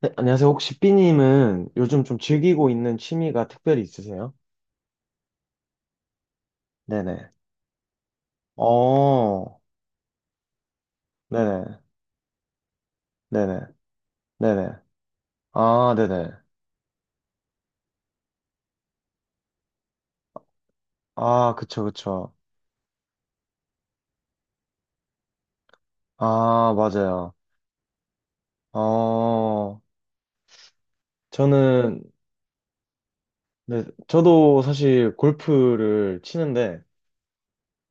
네, 안녕하세요. 혹시 삐님은 요즘 좀 즐기고 있는 취미가 특별히 있으세요? 네네. 어, 네네. 네네. 네네. 아, 네네. 아, 그쵸, 그쵸. 아, 맞아요. 어, 저는, 네, 저도 사실 골프를 치는데,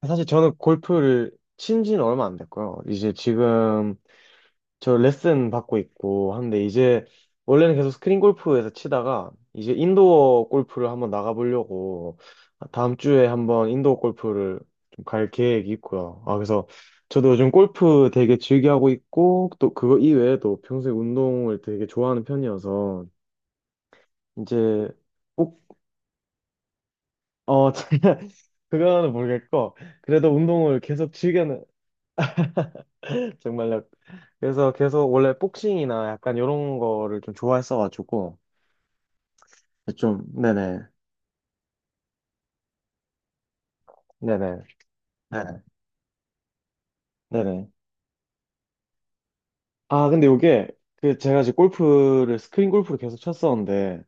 사실 저는 골프를 친 지는 얼마 안 됐고요. 이제 지금 저 레슨 받고 있고 하는데 이제 원래는 계속 스크린 골프에서 치다가 이제 인도어 골프를 한번 나가보려고 다음 주에 한번 인도어 골프를 좀 갈 계획이 있고요. 아, 그래서 저도 요즘 골프 되게 즐겨하고 있고 또 그거 이외에도 평소에 운동을 되게 좋아하는 편이어서 이제 꼭, 어, 그거는 모르겠고 그래도 운동을 계속 즐겨는 정말요. 그래서 계속 원래 복싱이나 약간 이런 거를 좀 좋아했어가지고 좀, 네네, 네네. 네네, 네네. 아, 근데 요게, 그, 제가 지금 골프를, 스크린 골프를 계속 쳤었는데,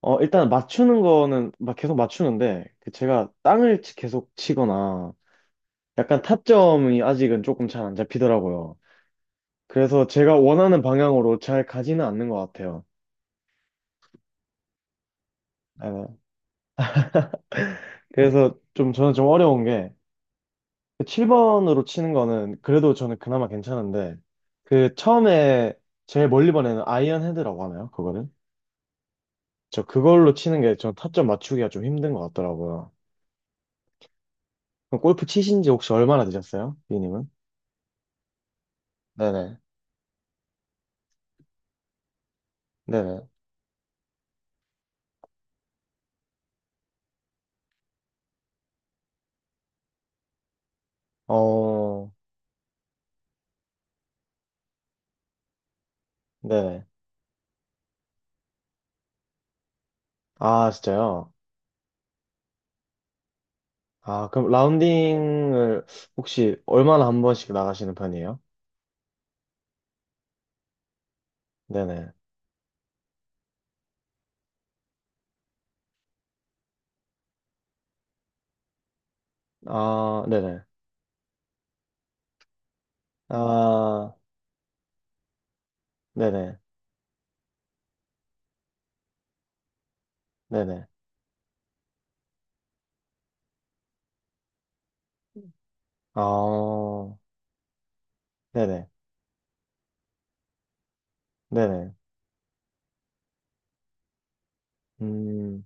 일단 맞추는 거는 막 계속 맞추는데, 그 제가 땅을 계속 치거나, 약간 타점이 아직은 조금 잘 안 잡히더라고요. 그래서 제가 원하는 방향으로 잘 가지는 않는 것 같아요. 네. 그래서 좀, 저는 좀 어려운 게, 그 7번으로 치는 거는 그래도 저는 그나마 괜찮은데, 그 처음에 제일 멀리 보내는 아이언 헤드라고 하나요? 그거를? 저 그걸로 치는 게 저 타점 맞추기가 좀 힘든 것 같더라고요. 그럼 골프 치신 지 혹시 얼마나 되셨어요? 비님은? 네네. 네네. 어, 네네. 아, 진짜요? 아, 그럼 라운딩을 혹시 얼마나 한 번씩 나가시는 편이에요? 네네. 아, 네네. 아, 네네. 네네. 아, 네네. 네네. 음,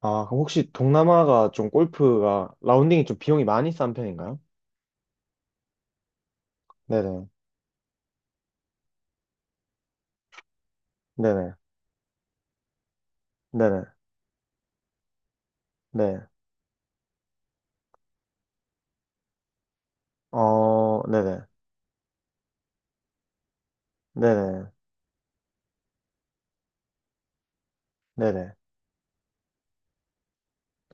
아, 그럼 혹시 동남아가 좀 골프가 라운딩이 좀 비용이 많이 싼 편인가요? 네네. 네네. 네네. 네. 어, 네네. 네네. 네네.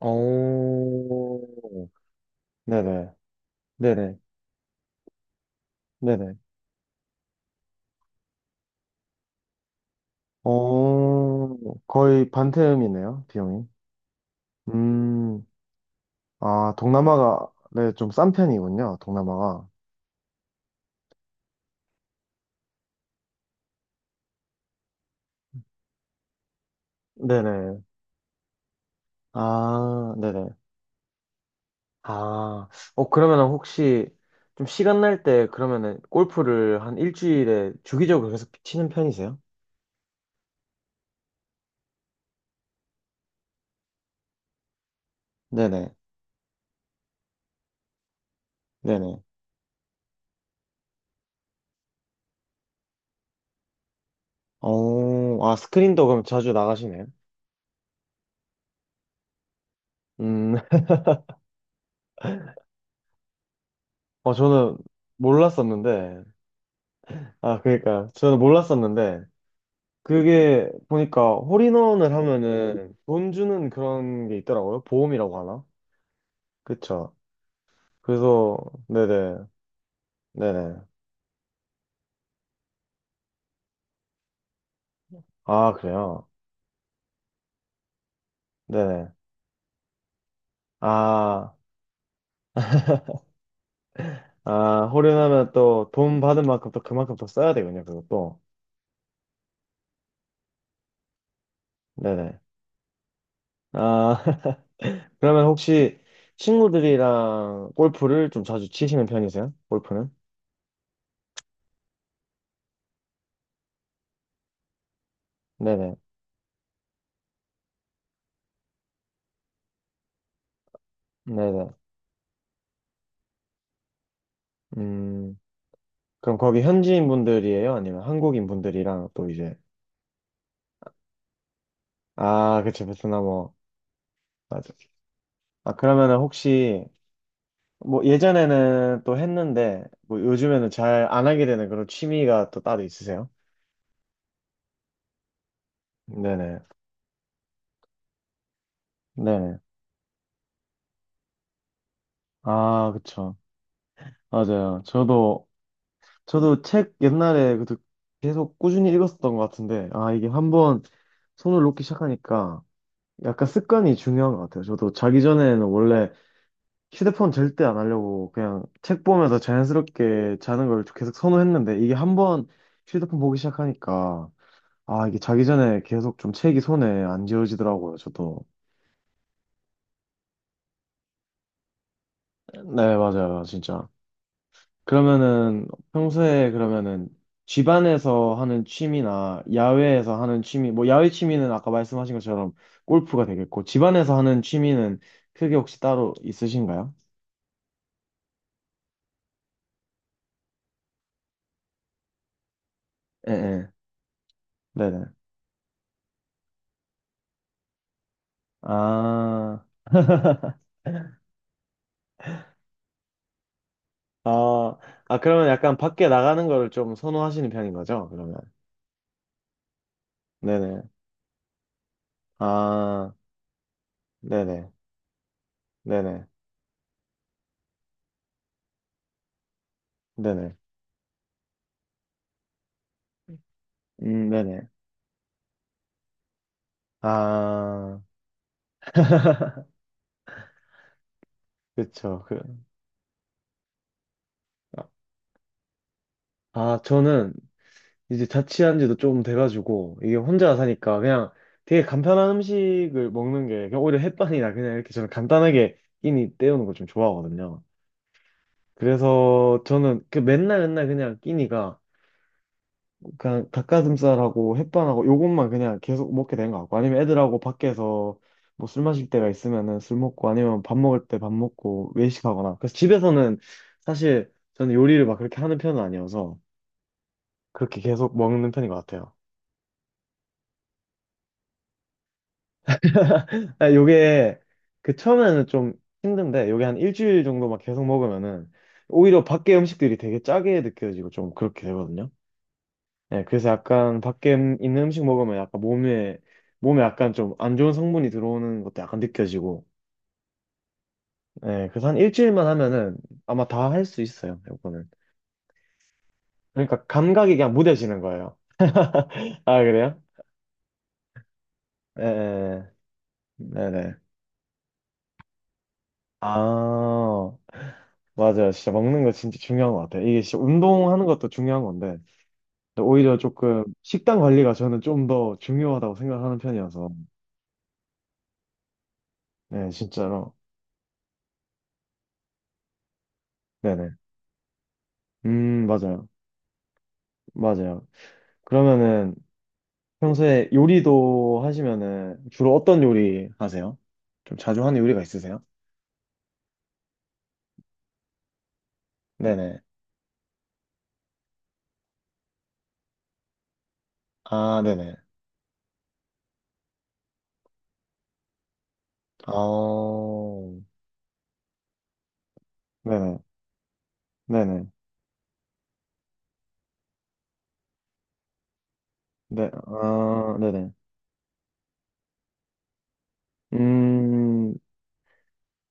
어, 네네. 네네. 네네. 어, 거의 반태음이네요, 비용이. 음, 아, 동남아가, 네, 좀 싼 편이군요, 동남아가. 네네. 아, 네네. 아, 어, 그러면은 혹시 좀 시간 날 때 그러면은 골프를 한 일주일에 주기적으로 계속 치는 편이세요? 네네. 네네. 어, 아, 스크린도 그럼 자주 나가시네요. 음. 어, 저는 몰랐었는데, 아, 그러니까, 저는 몰랐었는데, 그게 보니까 홀인원을 하면은 돈 주는 그런 게 있더라고요. 보험이라고 하나? 그쵸. 그래서, 네네, 네네. 아, 그래요? 네네. 아, 아, 홀인하면 또 돈 받은 만큼 또 그만큼 더 써야 되군요, 그것도. 네네. 아, 그러면 혹시 친구들이랑 골프를 좀 자주 치시는 편이세요? 골프는? 네네, 네네. 음. 그럼 거기 현지인 분들이에요? 아니면 한국인 분들이랑 또 이제 아, 그쵸, 베트남어 맞아. 아, 그러면은 혹시 뭐 예전에는 또 했는데 뭐 요즘에는 잘 안 하게 되는 그런 취미가 또 따로 있으세요? 네네. 네네. 아, 그쵸. 맞아요, 저도. 저도 책 옛날에 그래도 계속 꾸준히 읽었었던 것 같은데, 아, 이게 한번 손을 놓기 시작하니까 약간 습관이 중요한 것 같아요. 저도 자기 전에는 원래 휴대폰 절대 안 하려고 그냥 책 보면서 자연스럽게 자는 걸 계속 선호했는데 이게 한번 휴대폰 보기 시작하니까, 아, 이게 자기 전에 계속 좀 책이 손에 안 지워지더라고요, 저도. 네, 맞아요, 진짜. 그러면은 평소에 그러면은 집안에서 하는 취미나 야외에서 하는 취미, 뭐 야외 취미는 아까 말씀하신 것처럼 골프가 되겠고, 집안에서 하는 취미는 크게 혹시 따로 있으신가요? 예, 예. 네네. 아. 아, 아, 그러면 약간 밖에 나가는 거를 좀 선호하시는 편인 거죠, 그러면? 네네. 아, 네네. 네네. 네네. 네네. 아, 그쵸. 그, 아, 저는 이제 자취한 지도 좀 돼가지고, 이게 혼자 사니까 그냥 되게 간편한 음식을 먹는 게, 그냥 오히려 햇반이나 그냥 이렇게 저는 간단하게 끼니 때우는 걸 좀 좋아하거든요. 그래서 저는 그 맨날 맨날 그냥 끼니가 그냥 닭가슴살하고 햇반하고 요것만 그냥 계속 먹게 되는 것 같고, 아니면 애들하고 밖에서 뭐 술 마실 때가 있으면은 술 먹고, 아니면 밥 먹을 때 밥 먹고 외식하거나. 그래서 집에서는 사실 저는 요리를 막 그렇게 하는 편은 아니어서 그렇게 계속 먹는 편인 것 같아요. 아, 요게 그 처음에는 좀 힘든데, 요게 한 일주일 정도 막 계속 먹으면은 오히려 밖에 음식들이 되게 짜게 느껴지고 좀 그렇게 되거든요. 예, 그래서 약간 밖에 있는 음식 먹으면 약간 몸에, 몸에 약간 좀 안 좋은 성분이 들어오는 것도 약간 느껴지고, 예, 그래서 한 일주일만 하면은 아마 다 할 수 있어요, 요거는. 그러니까 감각이 그냥 무뎌지는 거예요. 아, 그래요? 예, 예, 예. 네네. 아, 맞아요. 진짜 먹는 거 진짜 중요한 것 같아요. 이게 진짜 운동하는 것도 중요한 건데, 오히려 조금 식단 관리가 저는 좀 더 중요하다고 생각하는 편이어서. 네, 진짜로. 네네. 맞아요. 맞아요. 그러면은 평소에 요리도 하시면은 주로 어떤 요리 하세요? 좀 자주 하는 요리가 있으세요? 네네. 아, 네네. 어, 네네. 네네. 네, 아, 네네. 음,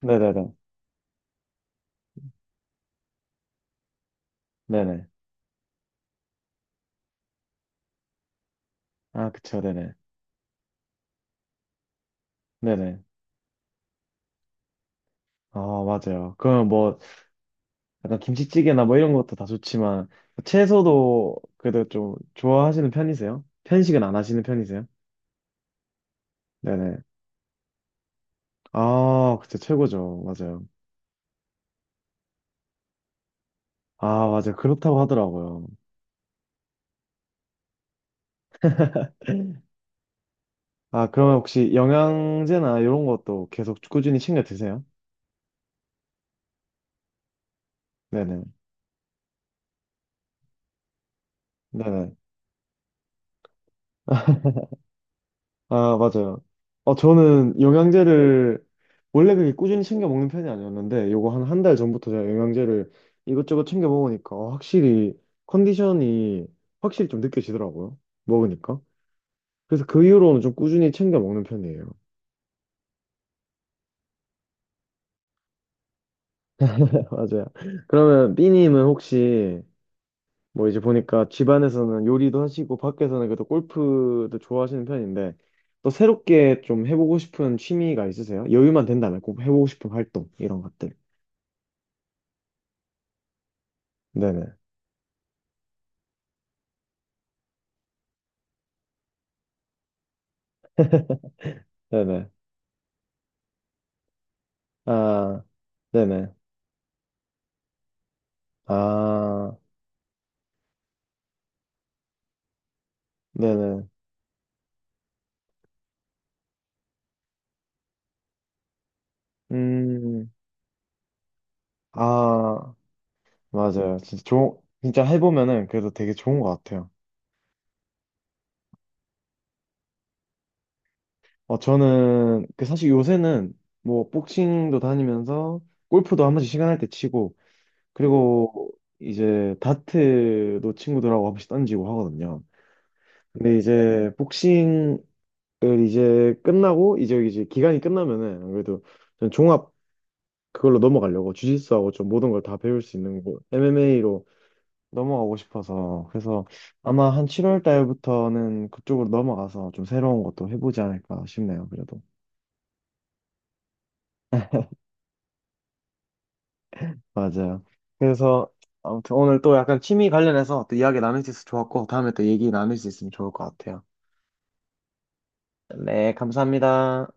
네네네. 네네. 아, 그쵸, 네네. 네네. 아, 맞아요. 그럼 뭐, 약간 김치찌개나 뭐 이런 것도 다 좋지만, 채소도 그래도 좀 좋아하시는 편이세요? 편식은 안 하시는 편이세요? 네네. 아, 그쵸, 최고죠. 맞아요. 아, 맞아요. 그렇다고 하더라고요. 아, 그러면 혹시 영양제나 이런 것도 계속 꾸준히 챙겨 드세요? 네네. 네네. 아, 맞아요. 어, 저는 영양제를 원래 그렇게 꾸준히 챙겨 먹는 편이 아니었는데, 요거 한 한 달 전부터 제가 영양제를 이것저것 챙겨 먹으니까, 어, 확실히 컨디션이 확실히 좀 느껴지더라고요, 먹으니까. 그래서 그 이후로는 좀 꾸준히 챙겨 먹는 편이에요. 맞아요. 그러면 B님은 혹시 뭐, 이제 보니까 집안에서는 요리도 하시고 밖에서는 그래도 골프도 좋아하시는 편인데, 또 새롭게 좀 해보고 싶은 취미가 있으세요? 여유만 된다면 꼭 해보고 싶은 활동, 이런 것들. 네네. 네네. 아, 네네. 아, 네네. 음, 아, 맞아요. 진짜 진짜 해보면은 그래도 되게 좋은 것 같아요. 어, 저는 그 사실 요새는 뭐 복싱도 다니면서 골프도 한 번씩 시간 날 때 치고, 그리고 이제 다트도 친구들하고 한 번씩 던지고 하거든요. 근데 이제 복싱을 이제 끝나고 이제 기간이 끝나면은 아무래도 전 종합, 그걸로 넘어가려고 주짓수하고 좀 모든 걸 다 배울 수 있는 곳 MMA로 넘어가고 싶어서. 그래서 아마 한 7월 달부터는 그쪽으로 넘어가서 좀 새로운 것도 해보지 않을까 싶네요, 그래도. 맞아요. 그래서 아무튼 오늘 또 약간 취미 관련해서 또 이야기 나눌 수 있어서 좋았고, 다음에 또 얘기 나눌 수 있으면 좋을 것 같아요. 네, 감사합니다.